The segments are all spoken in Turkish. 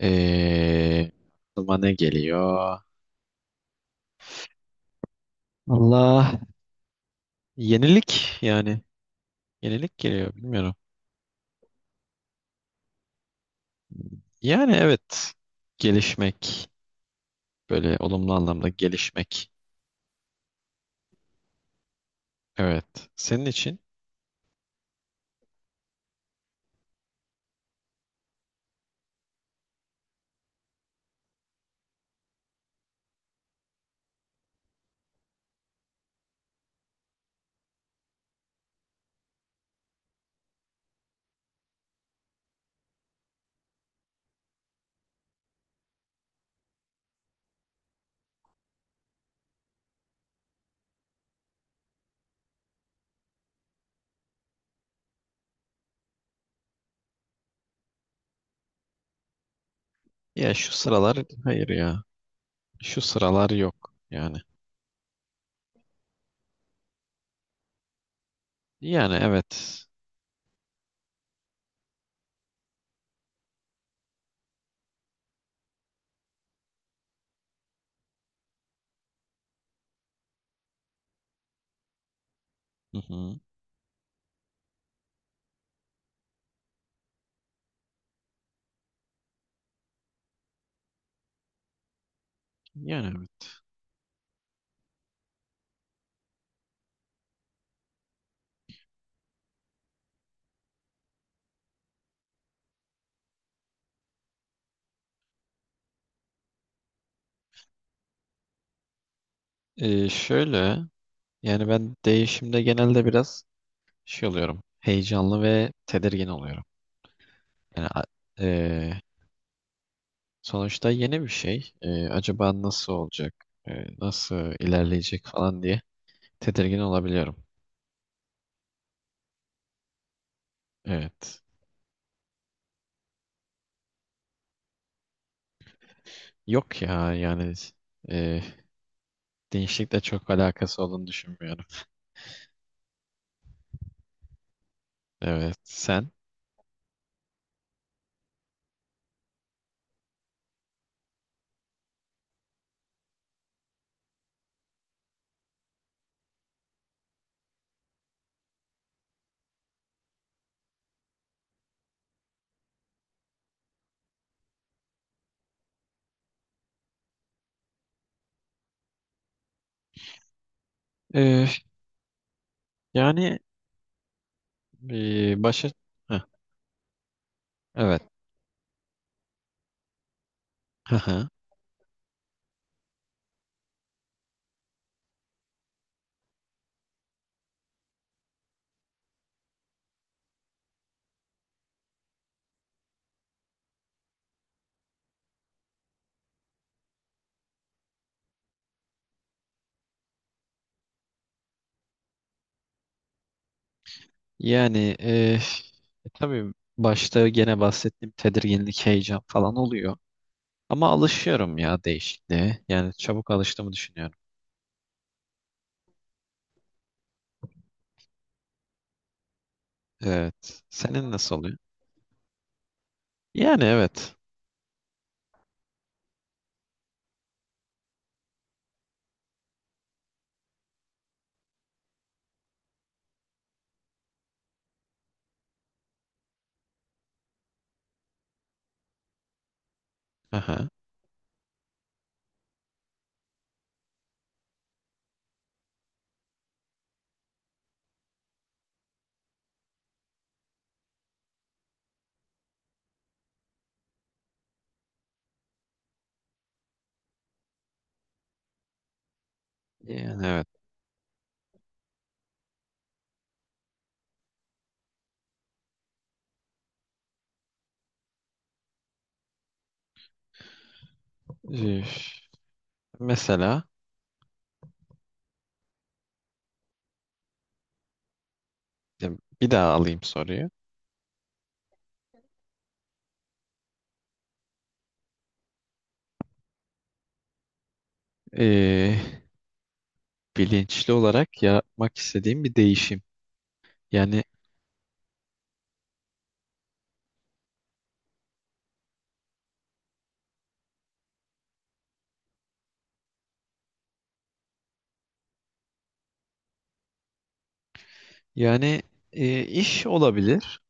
Ee, Aklıma ne geliyor? Allah, yenilik yani, yenilik geliyor bilmiyorum. Yani evet, gelişmek, böyle olumlu anlamda gelişmek. Evet, senin için ya şu sıralar, hayır ya, şu sıralar yok yani. Yani evet. Hı hı. Yani evet. Şöyle yani, ben değişimde genelde biraz şey oluyorum, heyecanlı ve tedirgin oluyorum. Yani sonuçta yeni bir şey. Acaba nasıl olacak? Nasıl ilerleyecek falan diye tedirgin olabiliyorum. Evet. Yok ya yani, e, değişiklikle çok alakası olduğunu düşünmüyorum. Evet. Sen? Ee, yani başa... Heh, evet. Haha. Yani tabii başta gene bahsettiğim tedirginlik, heyecan falan oluyor. Ama alışıyorum ya değişikliğe. Yani çabuk alıştığımı düşünüyorum. Evet. Senin nasıl oluyor? Yani evet. Aha. Yani evet. Üf. Mesela ya, bir daha alayım soruyu. Ee, Bilinçli olarak yapmak istediğim bir değişim. Yani yani iş olabilir.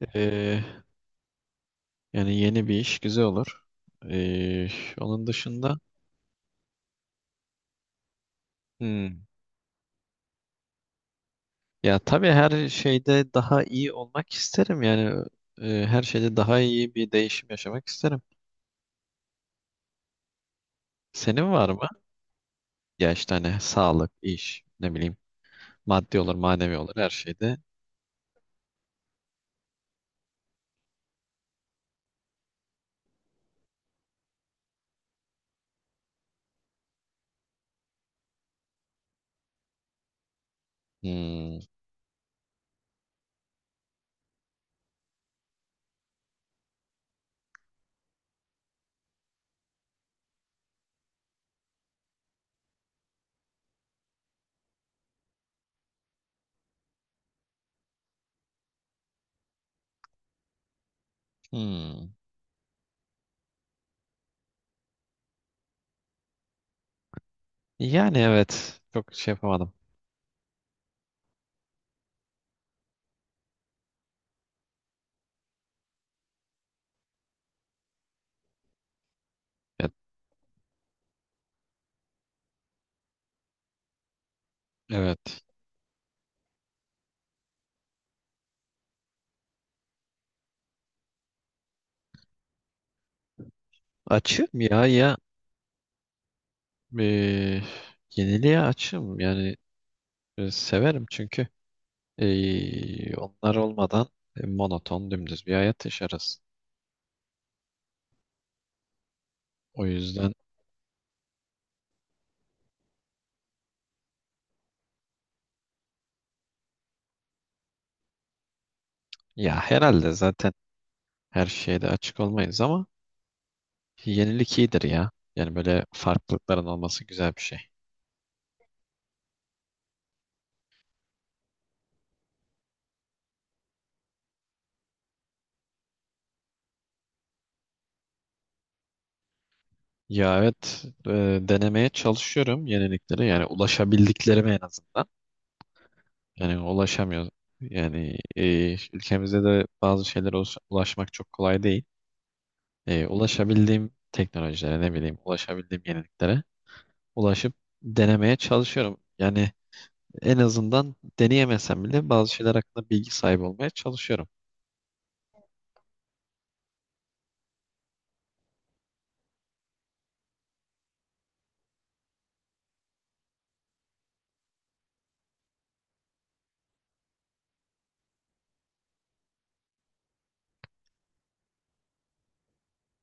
Ee, Yani yeni bir iş güzel olur. Ee, Onun dışında hmm, ya tabii her şeyde daha iyi olmak isterim. Yani her şeyde daha iyi bir değişim yaşamak isterim. Senin var mı? Ya işte hani sağlık, iş, ne bileyim, maddi olur, manevi olur her şeyde. Hmm, hmm. Yani evet. Çok şey yapamadım. Evet. Evet. Açığım ya ya, e, yeniliğe açığım. Yani severim çünkü onlar olmadan monoton dümdüz bir hayat yaşarız. O yüzden ya herhalde zaten her şeyde açık olmayız ama yenilik iyidir ya. Yani böyle farklılıkların olması güzel bir şey. Ya evet, denemeye çalışıyorum yeniliklere, yani ulaşabildiklerime en azından. Yani ulaşamıyor. Yani ülkemizde de bazı şeylere ulaşmak çok kolay değil. Ulaşabildiğim teknolojilere, ne bileyim ulaşabildiğim yeniliklere ulaşıp denemeye çalışıyorum. Yani en azından deneyemesem bile bazı şeyler hakkında bilgi sahibi olmaya çalışıyorum.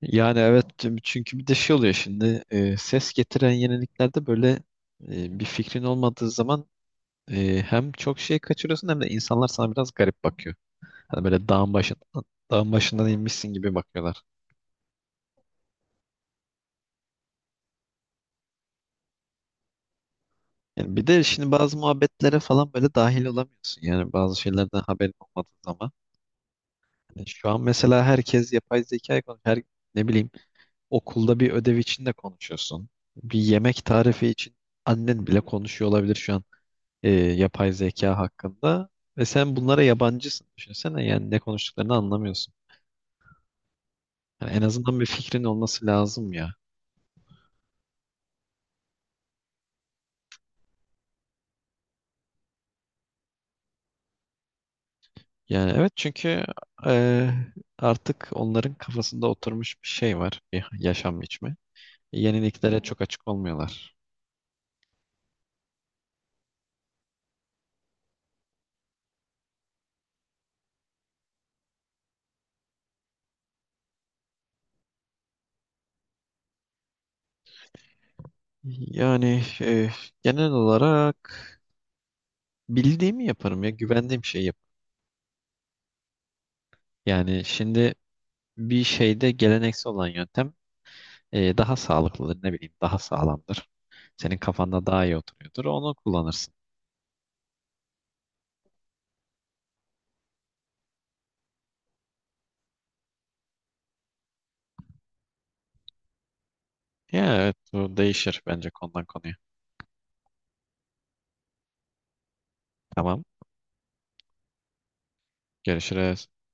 Yani evet, çünkü bir de şey oluyor şimdi, ses getiren yeniliklerde böyle bir fikrin olmadığı zaman hem çok şey kaçırıyorsun hem de insanlar sana biraz garip bakıyor. Hani böyle dağın başından, dağın başından inmişsin gibi bakıyorlar. Yani bir de şimdi bazı muhabbetlere falan böyle dahil olamıyorsun. Yani bazı şeylerden haberin olmadığı zaman. Yani şu an mesela herkes yapay zekayı konuşuyor. Her, ne bileyim, okulda bir ödev için de konuşuyorsun. Bir yemek tarifi için annen bile konuşuyor olabilir şu an yapay zeka hakkında. Ve sen bunlara yabancısın. Düşünsene yani, ne konuştuklarını anlamıyorsun. Yani en azından bir fikrin olması lazım ya. Yani evet, çünkü e, artık onların kafasında oturmuş bir şey var, bir yaşam biçimi. Yeniliklere çok açık olmuyorlar. Yani genel olarak bildiğimi yaparım ya, güvendiğim şeyi yap. Yani şimdi bir şeyde geleneksel olan yöntem daha sağlıklıdır, ne bileyim daha sağlamdır. Senin kafanda daha iyi oturuyordur, onu kullanırsın. Ya evet, bu değişir bence konudan konuya. Tamam, görüşürüz.